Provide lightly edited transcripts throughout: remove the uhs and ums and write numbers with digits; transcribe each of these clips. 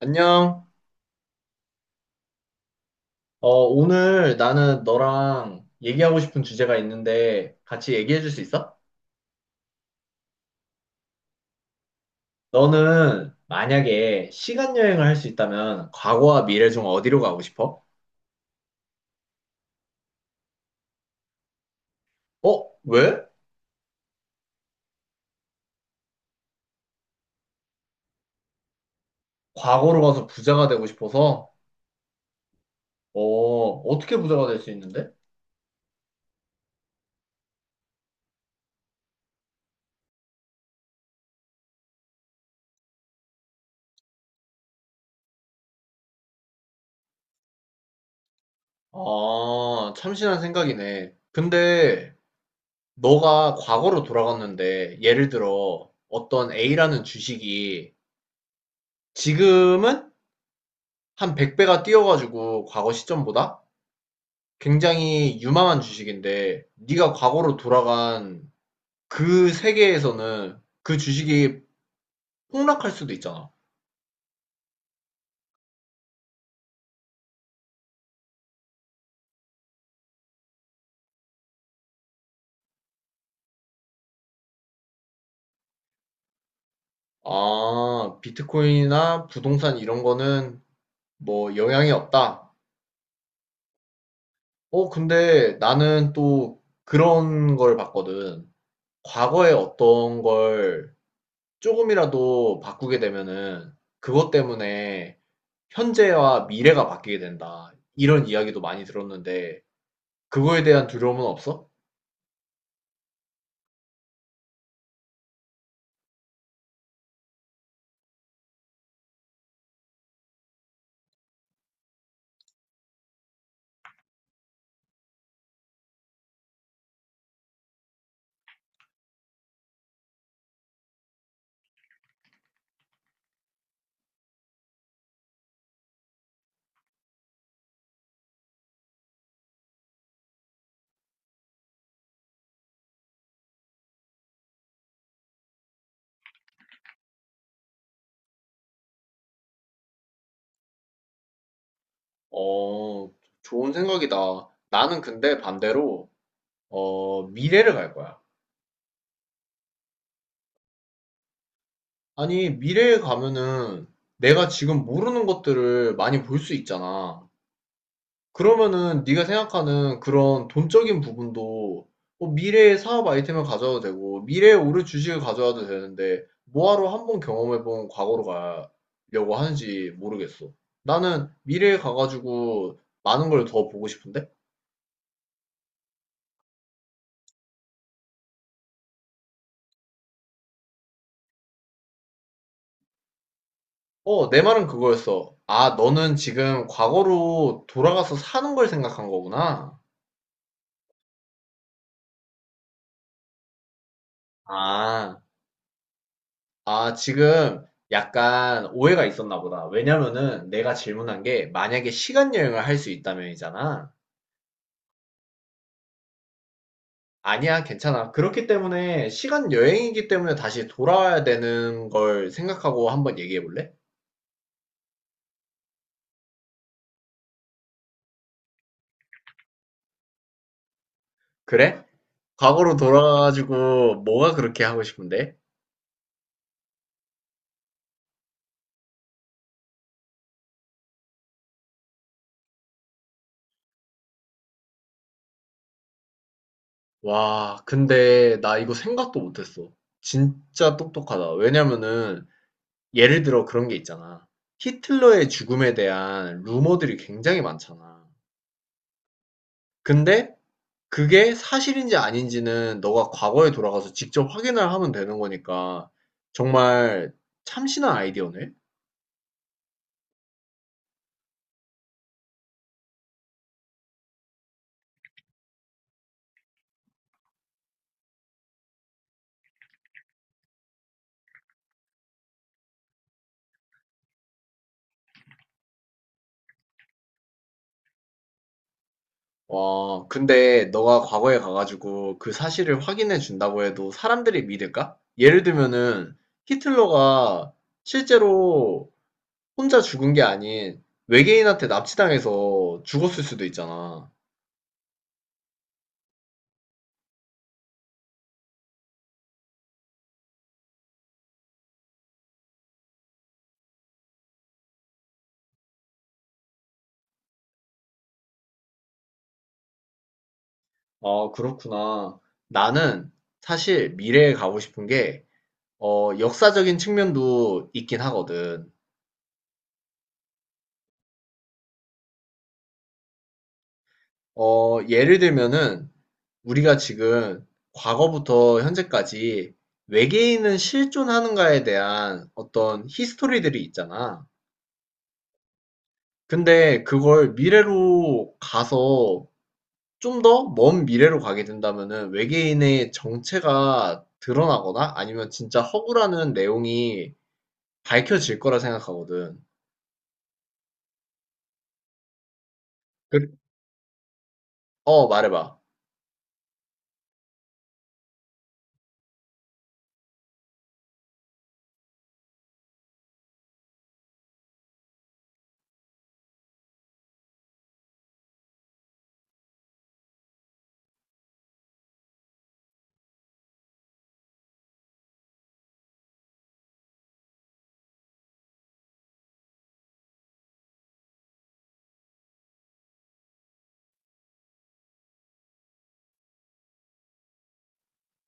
안녕. 오늘 나는 너랑 얘기하고 싶은 주제가 있는데 같이 얘기해 줄 수 있어? 너는 만약에 시간 여행을 할 수 있다면 과거와 미래 중 어디로 가고 싶어? 왜? 과거로 가서 부자가 되고 싶어서? 어, 어떻게 부자가 될 수 있는데? 아, 참신한 생각이네. 근데 너가 과거로 돌아갔는데 예를 들어 어떤 A라는 주식이 지금은 한 100배가 뛰어가지고 과거 시점보다 굉장히 유망한 주식인데 네가 과거로 돌아간 그 세계에서는 그 주식이 폭락할 수도 있잖아. 아, 비트코인이나 부동산 이런 거는 뭐 영향이 없다. 근데 나는 또 그런 걸 봤거든. 과거에 어떤 걸 조금이라도 바꾸게 되면은 그것 때문에 현재와 미래가 바뀌게 된다. 이런 이야기도 많이 들었는데 그거에 대한 두려움은 없어? 어, 좋은 생각이다. 나는 근데 반대로, 미래를 갈 거야. 아니, 미래에 가면은 내가 지금 모르는 것들을 많이 볼 수 있잖아. 그러면은 네가 생각하는 그런 돈적인 부분도 뭐 미래의 사업 아이템을 가져와도 되고, 미래에 오를 주식을 가져와도 되는데, 뭐하러 한번 경험해본 과거로 가려고 하는지 모르겠어. 나는 미래에 가가지고 많은 걸 더 보고 싶은데? 어, 내 말은 그거였어. 아, 너는 지금 과거로 돌아가서 사는 걸 생각한 거구나. 아, 아, 지금 약간 오해가 있었나 보다. 왜냐면은 내가 질문한 게 만약에 시간 여행을 할 수 있다면이잖아. 아니야, 괜찮아. 그렇기 때문에 시간 여행이기 때문에 다시 돌아와야 되는 걸 생각하고 한번 얘기해 볼래? 그래? 과거로 돌아가가지고 뭐가 그렇게 하고 싶은데? 와, 근데 나 이거 생각도 못했어. 진짜 똑똑하다. 왜냐면은 예를 들어 그런 게 있잖아. 히틀러의 죽음에 대한 루머들이 굉장히 많잖아. 근데 그게 사실인지 아닌지는 너가 과거에 돌아가서 직접 확인을 하면 되는 거니까 정말 참신한 아이디어네. 와, 근데 너가 과거에 가가지고 그 사실을 확인해 준다고 해도 사람들이 믿을까? 예를 들면은 히틀러가 실제로 혼자 죽은 게 아닌 외계인한테 납치당해서 죽었을 수도 있잖아. 아, 그렇구나. 나는 사실 미래에 가고 싶은 게, 어, 역사적인 측면도 있긴 하거든. 어, 예를 들면은 우리가 지금 과거부터 현재까지 외계인은 실존하는가에 대한 어떤 히스토리들이 있잖아. 근데 그걸 미래로 가서 좀 더 먼 미래로 가게 된다면은 외계인의 정체가 드러나거나 아니면 진짜 허구라는 내용이 밝혀질 거라 생각하거든. 그- 어, 말해봐.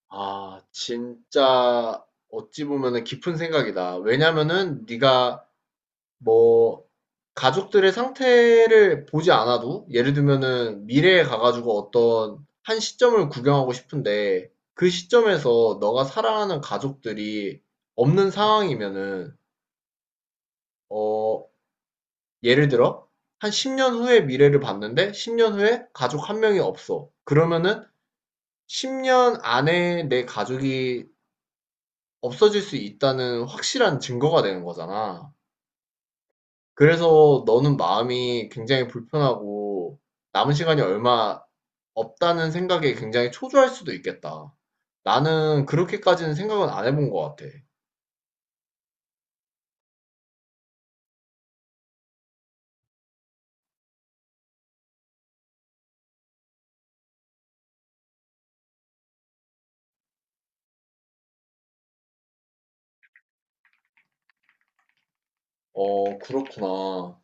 아, 진짜 어찌 보면은 깊은 생각이다. 왜냐면은 네가 뭐 가족들의 상태를 보지 않아도 예를 들면은 미래에 가가지고 어떤 한 시점을 구경하고 싶은데 그 시점에서 너가 사랑하는 가족들이 없는 상황이면은 어, 예를 들어 한 10년 후의 미래를 봤는데 10년 후에 가족 한 명이 없어. 그러면은 10년 안에 내 가족이 없어질 수 있다는 확실한 증거가 되는 거잖아. 그래서 너는 마음이 굉장히 불편하고 남은 시간이 얼마 없다는 생각에 굉장히 초조할 수도 있겠다. 나는 그렇게까지는 생각은 안 해본 것 같아. 어, 그렇구나.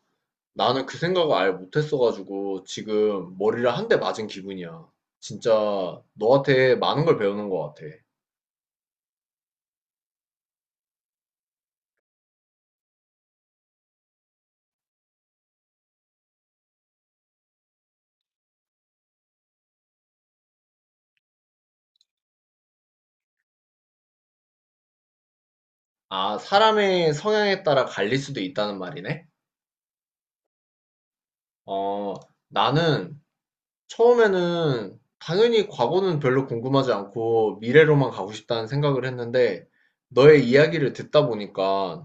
나는 그 생각을 아예 못했어가지고 지금 머리를 한 대 맞은 기분이야. 진짜 너한테 많은 걸 배우는 것 같아. 아, 사람의 성향에 따라 갈릴 수도 있다는 말이네? 어, 나는 처음에는 당연히 과거는 별로 궁금하지 않고 미래로만 가고 싶다는 생각을 했는데 너의 이야기를 듣다 보니까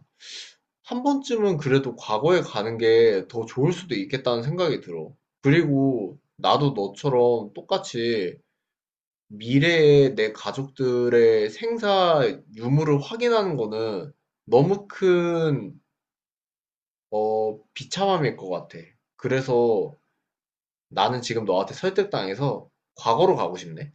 한 번쯤은 그래도 과거에 가는 게 더 좋을 수도 있겠다는 생각이 들어. 그리고 나도 너처럼 똑같이 미래에 내 가족들의 생사 유무를 확인하는 거는 너무 큰, 어, 비참함일 것 같아. 그래서 나는 지금 너한테 설득당해서 과거로 가고 싶네.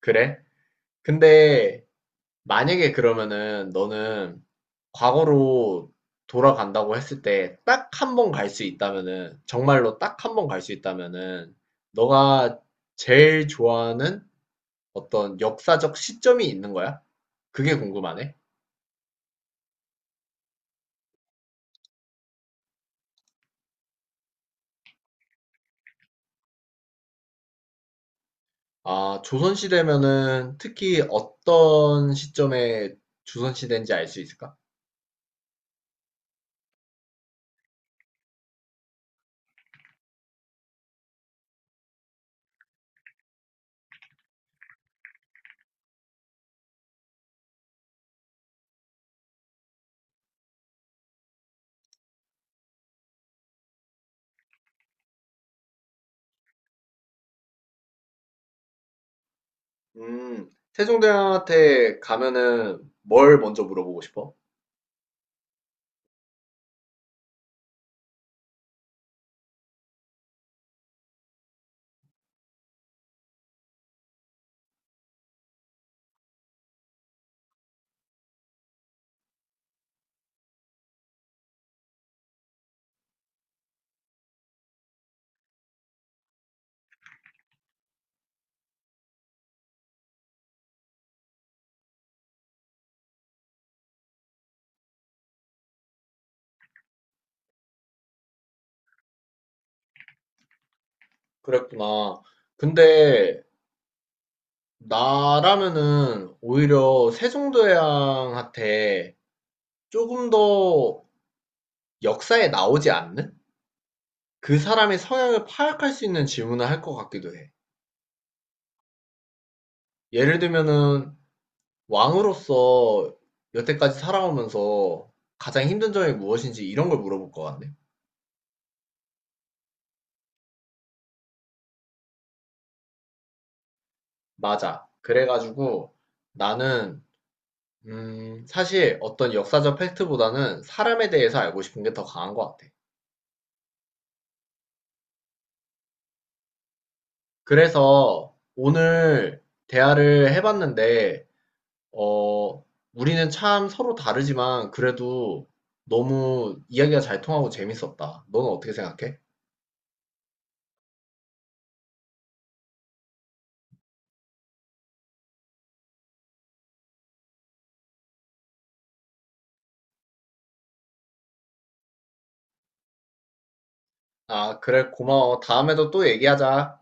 그래? 근데 만약에 그러면은 너는 과거로 돌아간다고 했을 때 딱 한 번 갈 수 있다면은, 정말로 딱 한 번 갈 수 있다면은, 너가 제일 좋아하는 어떤 역사적 시점이 있는 거야? 그게 궁금하네. 아, 조선시대면은 특히 어떤 시점에 조선시대인지 알 수 있을까? 세종대왕한테 가면은 뭘 먼저 물어보고 싶어? 그랬구나. 근데 나라면은 오히려 세종대왕한테 조금 더 역사에 나오지 않는? 그 사람의 성향을 파악할 수 있는 질문을 할 것 같기도 해. 예를 들면은 왕으로서 여태까지 살아오면서 가장 힘든 점이 무엇인지 이런 걸 물어볼 것 같네. 맞아. 그래가지고 나는 사실 어떤 역사적 팩트보다는 사람에 대해서 알고 싶은 게 더 강한 것 같아. 그래서 오늘 대화를 해봤는데 어, 우리는 참 서로 다르지만 그래도 너무 이야기가 잘 통하고 재밌었다. 너는 어떻게 생각해? 아, 그래, 고마워. 다음에도 또 얘기하자.